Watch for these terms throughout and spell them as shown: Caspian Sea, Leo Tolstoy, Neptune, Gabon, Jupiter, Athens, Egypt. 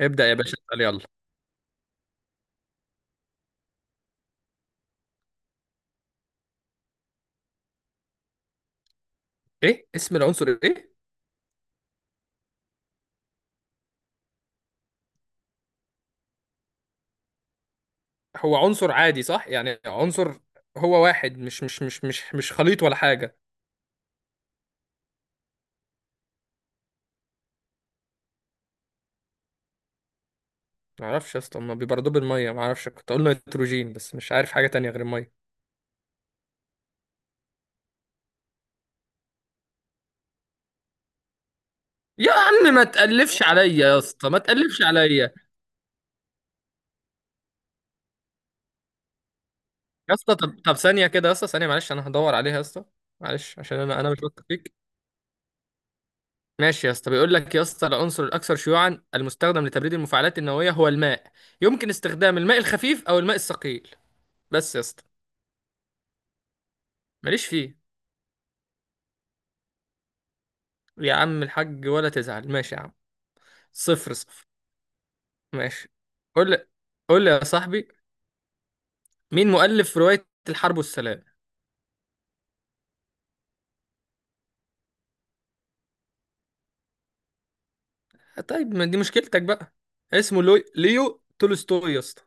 ابدأ يا باشا اسأل يلا. ايه اسم العنصر ايه؟ هو عنصر عادي صح؟ يعني عنصر هو واحد مش خليط ولا حاجة؟ ما اعرفش يا اسطى، ما بيبردوه بالمية؟ ما اعرفش، كنت اقول نيتروجين بس مش عارف حاجة تانية غير المية. يا عم ما تقلفش عليا، يا اسطى ما تقلفش عليا. يا اسطى طب ثانية كده يا اسطى، ثانية معلش انا هدور عليها يا اسطى. معلش عشان انا مش واثق فيك. ماشي يا اسطى، بيقول لك يا اسطى العنصر الاكثر شيوعا المستخدم لتبريد المفاعلات النووية هو الماء، يمكن استخدام الماء الخفيف او الماء الثقيل. بس يا اسطى ماليش فيه. يا عم الحاج ولا تزعل، ماشي يا عم. صفر صفر. ماشي. قول لي، قول لي يا صاحبي، مين مؤلف رواية الحرب والسلام؟ طيب ما دي مشكلتك بقى. اسمه ليو تولستوي يا اسطى.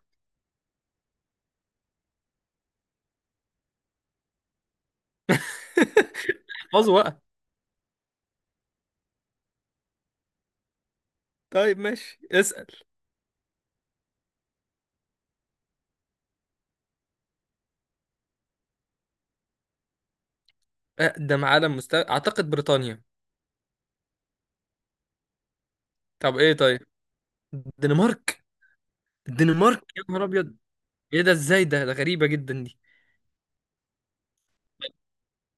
احفظه بقى. طيب ماشي اسأل. اقدم عالم مستوى اعتقد بريطانيا. طب ايه؟ طيب، الدنمارك؟ الدنمارك يا نهار ابيض، ايه ده؟ ازاي ده غريبة جدا دي.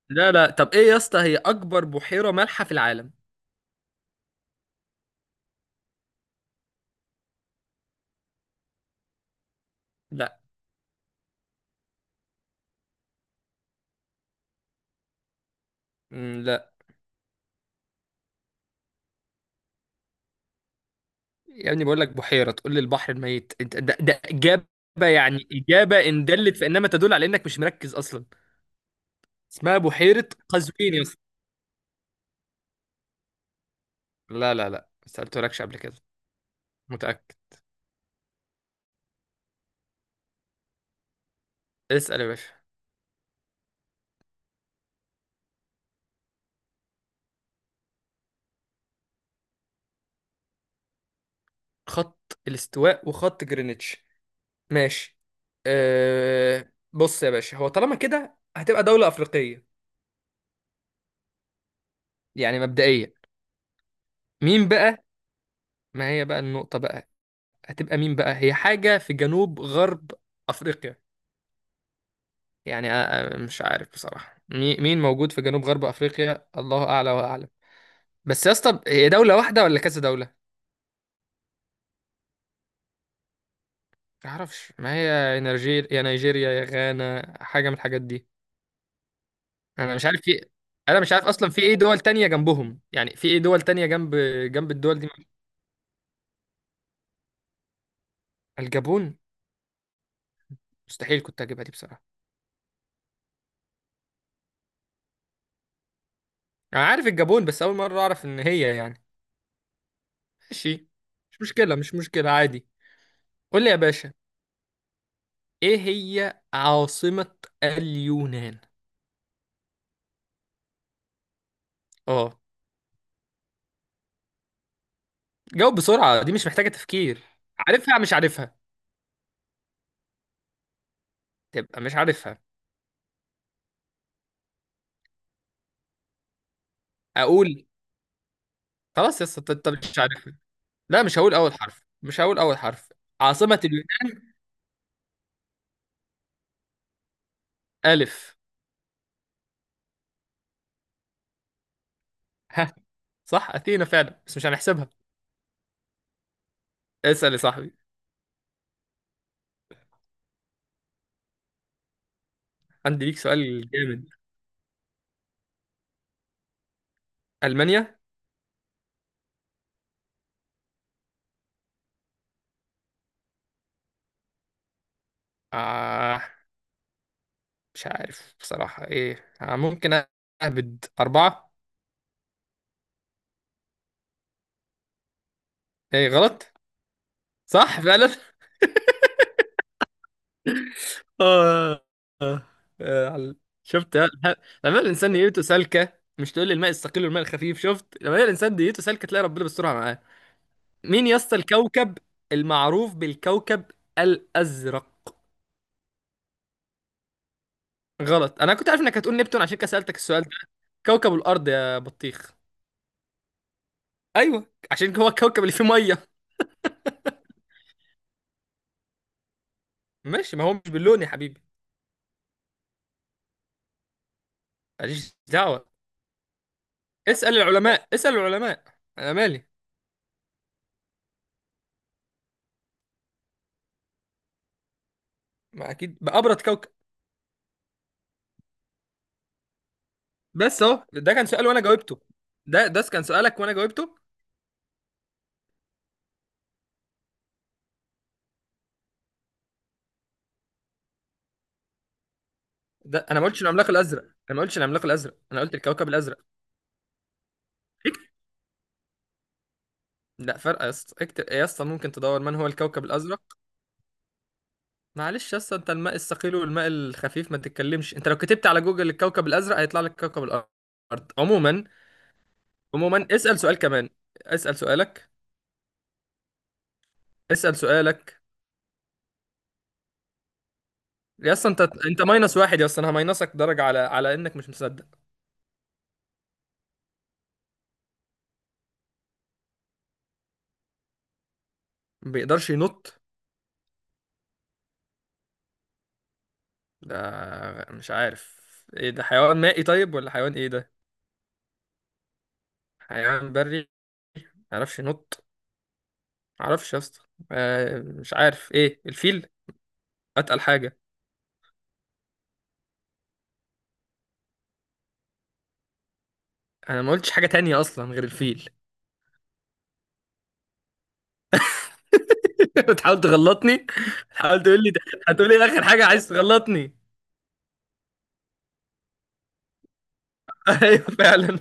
لا لا، طب ايه يا اسطى هي اكبر بحيرة مالحة في العالم؟ لا. لا. يا ابني بقول لك بحيرة تقول لي البحر الميت، انت ده إجابة؟ يعني إجابة إن دلت فإنما تدل على إنك مش مركز أصلا. اسمها بحيرة قزوين يا اسطى. لا لا لا، ما سألتلكش قبل كده. متأكد. اسأل يا باشا. خط الاستواء وخط جرينتش، ماشي. أه، بص يا باشا، هو طالما كده هتبقى دولة أفريقية، يعني مبدئيا. مين بقى؟ ما هي بقى النقطة بقى، هتبقى مين بقى؟ هي حاجة في جنوب غرب أفريقيا، يعني مش عارف بصراحة مين موجود في جنوب غرب أفريقيا، الله أعلى وأعلم. بس يا اسطى هي دولة واحدة ولا كذا دولة؟ ما أعرفش ما هي، يا نيجير يا نيجيريا يا غانا، حاجة من الحاجات دي. أنا مش عارف في، أنا مش عارف أصلا في إيه دول تانية جنبهم، يعني في إيه دول تانية جنب جنب الدول دي. الجابون؟ مستحيل كنت أجيبها دي بصراحة. أنا عارف الجابون بس أول مرة أعرف إن هي يعني. ماشي، مش مشكلة مش مشكلة عادي. قول لي يا باشا. إيه هي عاصمة اليونان؟ اه. جاوب بسرعة دي مش محتاجة تفكير. عارفها مش عارفها؟ تبقى مش عارفها. أقول؟ خلاص يا اسطى أنت مش عارفها. لا مش هقول أول حرف، مش هقول أول حرف. عاصمة اليونان. ألف. ها؟ صح، أثينا فعلا، بس مش هنحسبها. اسأل يا صاحبي. عندي ليك سؤال جامد. ألمانيا. آه مش عارف بصراحة. إيه آه ممكن أهبد أربعة. إيه غلط؟ صح فعلا. آه آه آه. شفت لما الإنسان نيته سالكة؟ مش تقول لي الماء الثقيل والماء الخفيف؟ شفت لما الإنسان نيته سالكة تلاقي ربنا بيسترها معاه. مين يا اسطى الكوكب المعروف بالكوكب الأزرق؟ غلط. أنا كنت عارف إنك هتقول نبتون، عشان كده سألتك السؤال ده. كوكب الأرض يا بطيخ. أيوه عشان هو الكوكب اللي فيه مية. ماشي، ما هو مش باللون يا حبيبي. ماليش دعوة، اسأل العلماء اسأل العلماء، أنا مالي. ما أكيد بأبرد كوكب. بس اهو ده كان سؤال وانا جاوبته، ده كان سؤالك وانا جاوبته. ده انا ما قلتش العملاق الازرق، انا ما قلتش العملاق الازرق، انا قلت الكوكب الازرق. اكتب. لا فرق يا اسطى، اكتب يا اسطى، ممكن تدور من هو الكوكب الازرق. معلش يا اسطى، انت الماء الثقيل والماء الخفيف ما تتكلمش، انت لو كتبت على جوجل الكوكب الازرق هيطلع لك كوكب الارض. عموما، عموما اسال سؤال كمان. اسال سؤالك، اسال سؤالك. يا اسطى انت ماينس واحد يا اسطى، انا هماينسك درجه على انك مش مصدق. ما بيقدرش ينط؟ ده مش عارف، ايه ده حيوان مائي طيب ولا حيوان ايه ده؟ حيوان بري، معرفش ينط، معرفش يا اسطى. مش عارف. ايه الفيل؟ اتقل حاجه. انا ما قلتش حاجه تانية اصلا غير الفيل. بتحاول تغلطني، بتحاول تقول لي ده، هتقول لي إيه اخر حاجه؟ عايز تغلطني. ايوه فعلا.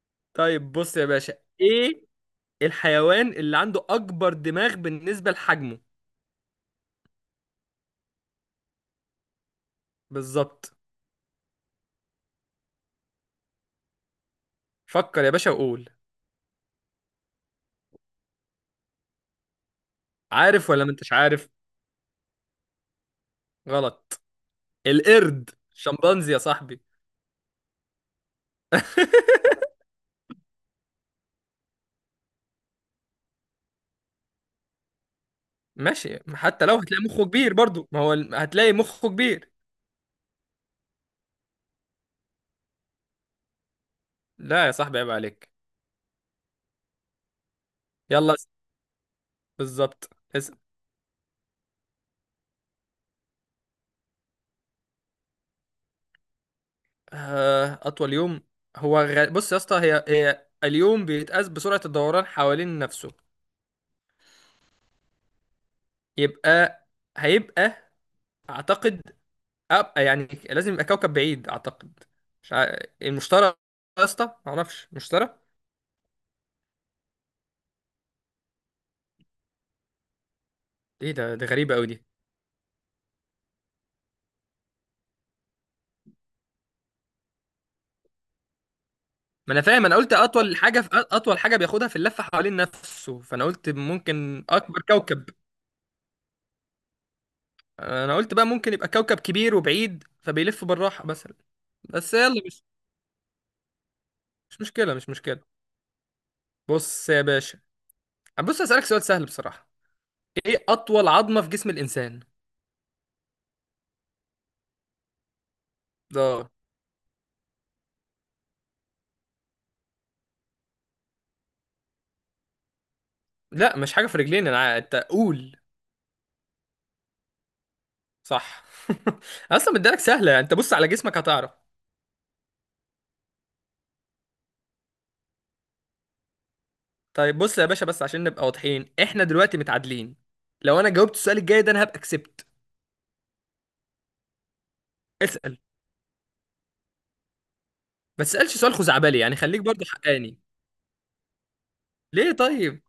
طيب بص يا باشا، ايه الحيوان اللي عنده اكبر دماغ بالنسبه لحجمه؟ بالظبط، فكر يا باشا وقول. عارف ولا ما انتش عارف؟ غلط. القرد شمبانزي يا صاحبي. ماشي حتى لو هتلاقي مخه كبير برضو، ما هو هتلاقي مخه كبير. لا يا صاحبي عيب عليك. يلا بالظبط. اس- اطول يوم. بص يا اسطى، هي اليوم بيتقاس بسرعة الدوران حوالين نفسه. يبقى هيبقى اعتقد، أبقى يعني لازم يبقى كوكب بعيد اعتقد. مش ع... المشتري يا اسطى، معرفش، مشتري. ايه ده غريبة قوي دي. ما انا فاهم، انا قلت اطول حاجه في اطول حاجه بياخدها في اللفه حوالين نفسه، فانا قلت ممكن اكبر كوكب. انا قلت بقى ممكن يبقى كوكب كبير وبعيد فبيلف بالراحه مثلا. بس يلا مش، مش مشكله مش مشكله. بص يا باشا، بص اسالك سؤال سهل بصراحه، ايه اطول عظمه في جسم الانسان؟ ده لا مش حاجه في رجلين، انا انت قول. صح. اصلا مديلك سهله، انت بص على جسمك هتعرف. طيب بص يا باشا، بس عشان نبقى واضحين احنا دلوقتي متعادلين، لو انا جاوبت السؤال الجاي ده انا هبقى كسبت. اسال. ما تسألش سؤال خزعبلي، يعني خليك برضه حقاني. ليه طيب؟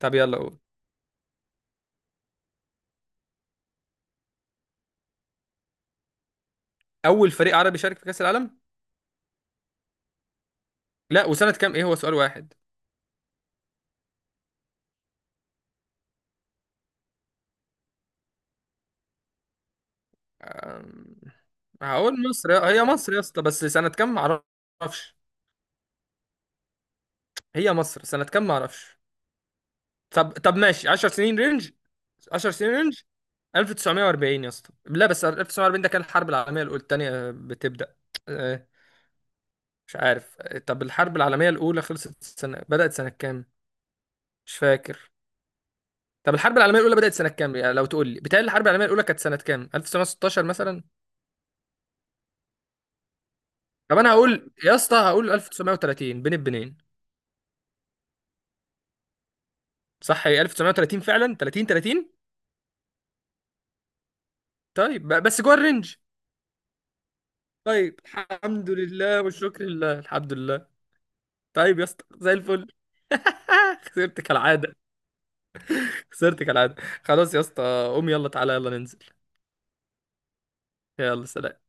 طب يلا قول. أول فريق عربي شارك في كأس العالم؟ لا وسنة كام؟ إيه هو سؤال واحد؟ أم، هقول مصر هي مصر يا اسطى، بس سنة كام معرفش. هي مصر، سنة كام معرفش. طب ماشي 10 سنين رينج. 10 سنين رينج. 1940 يا اسطى. لا بس 1940 ده كان الحرب العالمية الأولى التانية بتبدأ. آه، مش عارف. طب الحرب العالمية الأولى خلصت سنة، بدأت سنة كام؟ مش فاكر. طب الحرب العالميه الاولى بدات سنه كام؟ يعني لو تقول لي بتهيألي الحرب العالميه الاولى كانت سنه كام، 1916 مثلا. طب انا هقول يا اسطى، هقول 1930 بين البنين. صح، هي 1930 فعلا. 30 30. طيب بس جوه الرينج. طيب الحمد لله والشكر لله، الحمد لله. طيب يا اسطى زي الفل. خسرت كالعاده، خسرت كالعاده. خلاص يا اسطى قوم، يلا تعالى يلا ننزل. يلا سلام.